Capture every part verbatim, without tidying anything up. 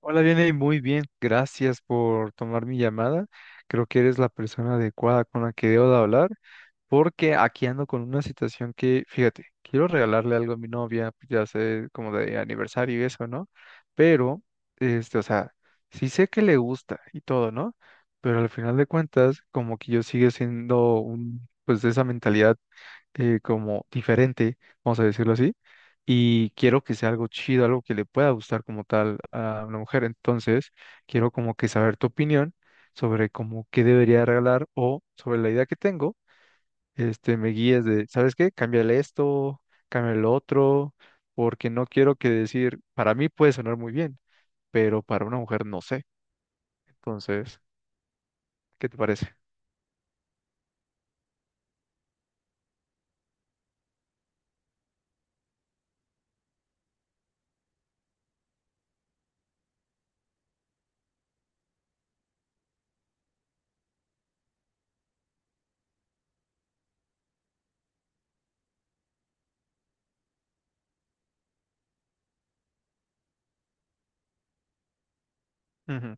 Hola, viene muy bien. Gracias por tomar mi llamada. Creo que eres la persona adecuada con la que debo de hablar, porque aquí ando con una situación que, fíjate, quiero regalarle algo a mi novia, pues ya sé, como de aniversario y eso, ¿no? Pero, este, o sea, sí sé que le gusta y todo, ¿no? Pero al final de cuentas, como que yo sigo siendo un, pues de esa mentalidad eh, como diferente, vamos a decirlo así, y quiero que sea algo chido, algo que le pueda gustar como tal a una mujer. Entonces, quiero como que saber tu opinión sobre cómo qué debería regalar o sobre la idea que tengo, este, me guíes de, ¿sabes qué? Cámbiale esto, cámbiale lo otro, porque no quiero que decir, para mí puede sonar muy bien, pero para una mujer no sé. Entonces, ¿qué te parece? Ujú.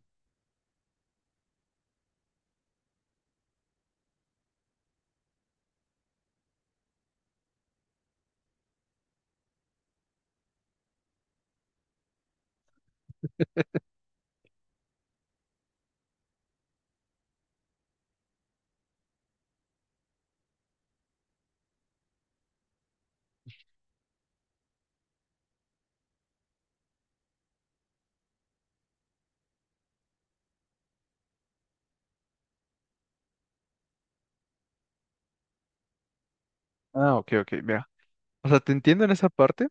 Ah, ok, ok, mira. O sea, te entiendo en esa parte,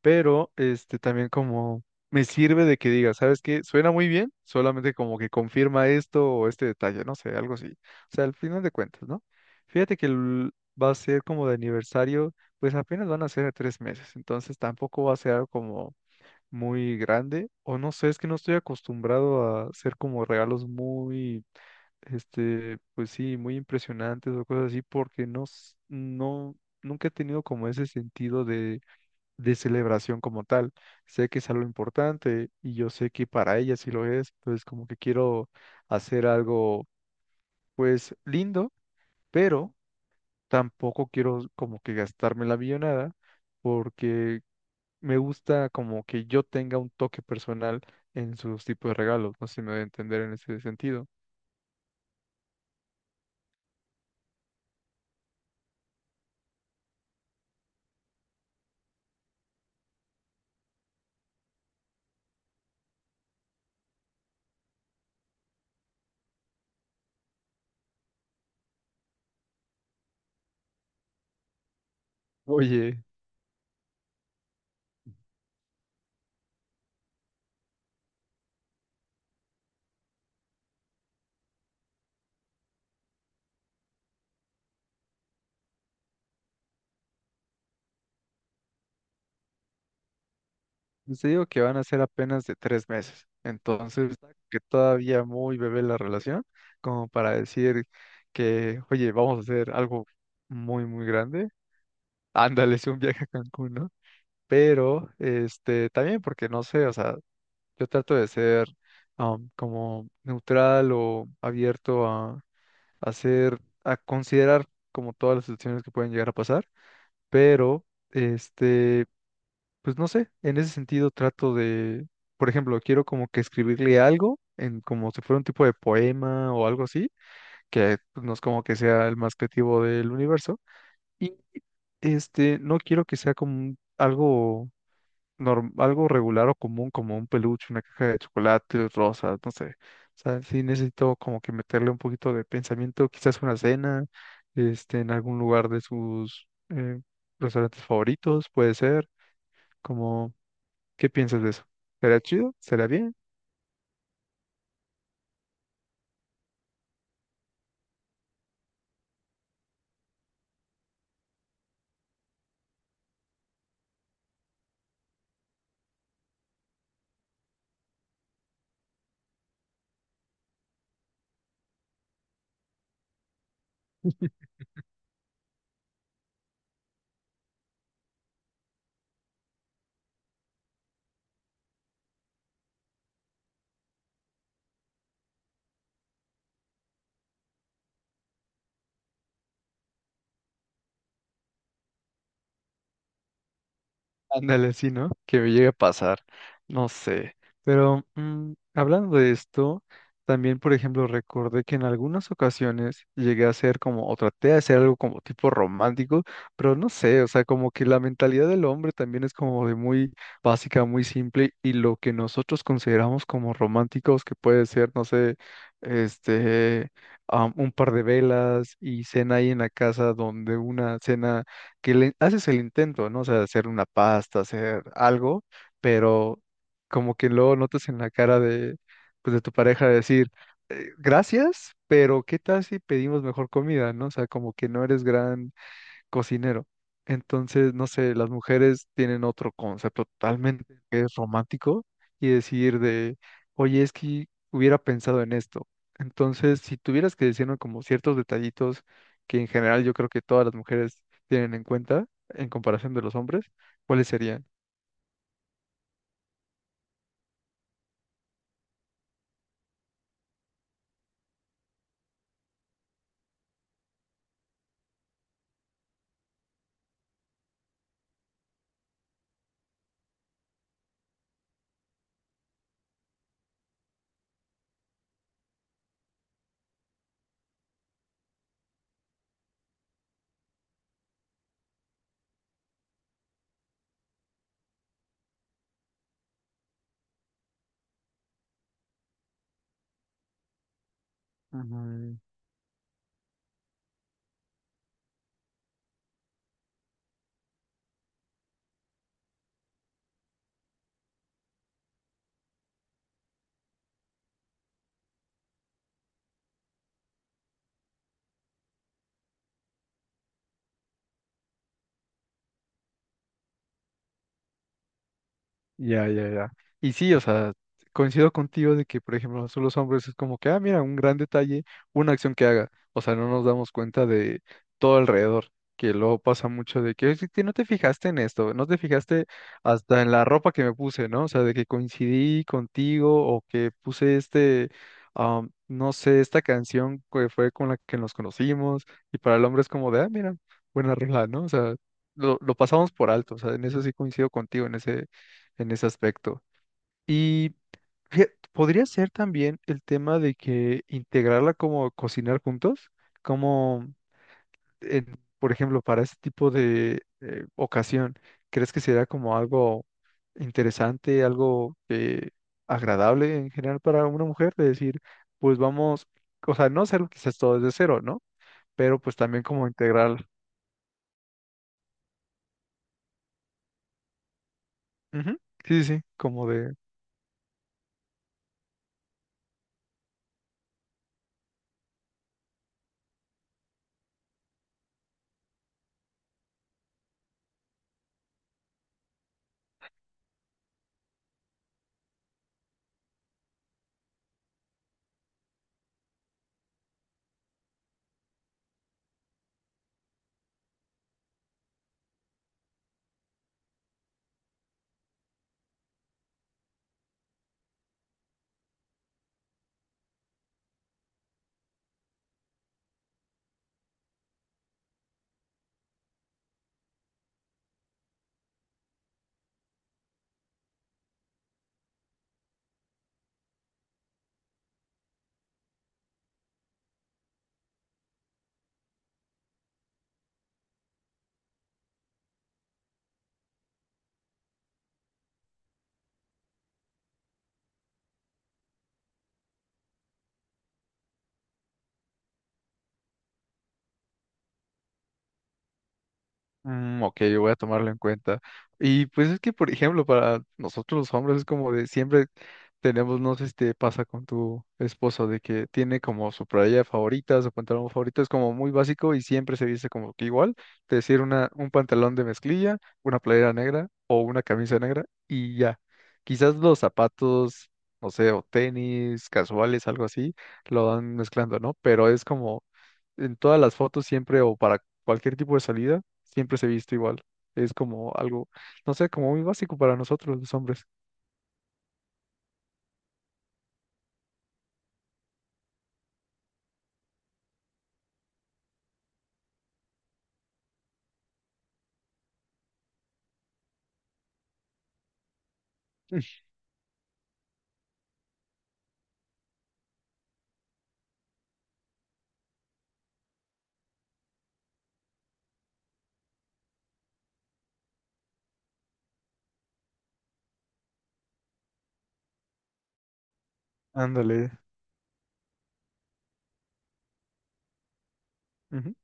pero este también como me sirve de que diga, ¿sabes qué? Suena muy bien, solamente como que confirma esto o este detalle, no sé, algo así. O sea, al final de cuentas, ¿no? Fíjate que el- va a ser como de aniversario, pues apenas van a ser de tres meses, entonces tampoco va a ser algo como muy grande, o no sé, es que no estoy acostumbrado a hacer como regalos muy, este, pues sí, muy impresionantes o cosas así, porque no, s- no, nunca he tenido como ese sentido de celebración como tal. Sé que es algo importante y yo sé que para ella sí lo es, entonces como que quiero hacer algo pues lindo, pero tampoco quiero como que gastarme la millonada porque me gusta como que yo tenga un toque personal en sus tipos de regalos, no sé si me voy a entender en ese sentido. Oye, yo te digo que van a ser apenas de tres meses, entonces está que todavía muy bebé la relación, como para decir que, oye, vamos a hacer algo muy, muy grande, ándale, sí, un viaje a Cancún, ¿no? Pero, este, también porque no sé, o sea, yo trato de ser um, como neutral o abierto a hacer, a considerar como todas las situaciones que pueden llegar a pasar, pero, este... pues no sé, en ese sentido trato de, por ejemplo, quiero como que escribirle algo en como si fuera un tipo de poema o algo así, que pues, no es como que sea el más creativo del universo y este no quiero que sea como un- algo norm- algo regular o común como un peluche, una caja de chocolate rosas, no sé. O sea, sí necesito como que meterle un poquito de pensamiento, quizás una cena, este en algún lugar de sus eh, restaurantes favoritos, puede ser como. ¿Qué piensas de eso? ¿Será chido? ¿Será bien? Ándale, sí, ¿no? Que me llegue a pasar. No sé. Pero mm, hablando de esto, también, por ejemplo, recordé que en algunas ocasiones llegué a hacer como, o traté de hacer algo como tipo romántico, pero no sé, o sea, como que la mentalidad del hombre también es como de muy básica, muy simple, y lo que nosotros consideramos como románticos, que puede ser, no sé, este, am, un par de velas y cena ahí en la casa, donde una cena que le haces el intento, ¿no? O sea, hacer una pasta, hacer algo, pero como que luego notas en la cara de, pues, de tu pareja decir, "Eh, gracias, pero ¿qué tal si pedimos mejor comida, ¿no?". O sea, como que no eres gran cocinero. Entonces, no sé, las mujeres tienen otro concepto totalmente que es romántico y decir de, oye, es que hubiera pensado en esto. Entonces, si tuvieras que decirme como ciertos detallitos que en general yo creo que todas las mujeres tienen en cuenta en comparación de los hombres, ¿cuáles serían? Ujú. Ya, ya, ya. Y sí, o sea, coincido contigo de que, por ejemplo, nosotros los hombres es como que, ah, mira, un gran detalle, una acción que haga. O sea, no nos damos cuenta de todo alrededor, que luego pasa mucho de que, "Es que no te fijaste en esto, no te fijaste hasta en la ropa que me puse, ¿no? O sea, de que coincidí contigo, o que puse este, am, no sé, esta canción que fue con la que nos conocimos. Y para el hombre es como de, ah, mira, buena rola, ¿no? O sea, lo, lo pasamos por alto, o sea, en eso sí coincido contigo, en ese en ese aspecto. Y fíjate, podría ser también el tema de que integrarla como cocinar juntos, como, en- por ejemplo, para ese tipo de eh, ocasión, ¿crees que sería como algo interesante, algo eh, agradable en general para una mujer? De decir, pues vamos, o sea, no hacerlo quizás todo desde cero, ¿no? Pero pues también como integrar. Ujú. Sí, sí, sí, como de... Mm, ok, yo voy a tomarlo en cuenta. Y pues es que, por ejemplo, para nosotros los hombres es como de siempre tenemos, no sé si te pasa con tu esposo, de que tiene como su playa favorita, su pantalón favorito, es como muy básico y siempre se viste como que igual, es decir, una, un pantalón de mezclilla, una playera negra o una camisa negra y ya. Quizás los zapatos, no sé, o tenis, casuales, algo así, lo van mezclando, ¿no? Pero es como en todas las fotos siempre, o para cualquier tipo de salida, siempre se viste igual. Es como algo, no sé, como muy básico para nosotros los hombres. Ándale. Ujú.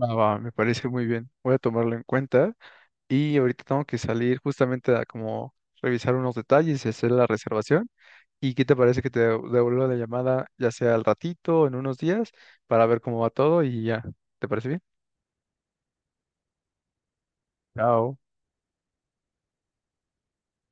Va, va, me parece muy bien. Voy a tomarlo en cuenta. Y ahorita tengo que salir justamente a como revisar unos detalles y hacer la reservación. ¿Y qué te parece que te dev- devuelva la llamada, ya sea al ratito, en unos días, para ver cómo va todo y ya? ¿Te parece bien? Chao.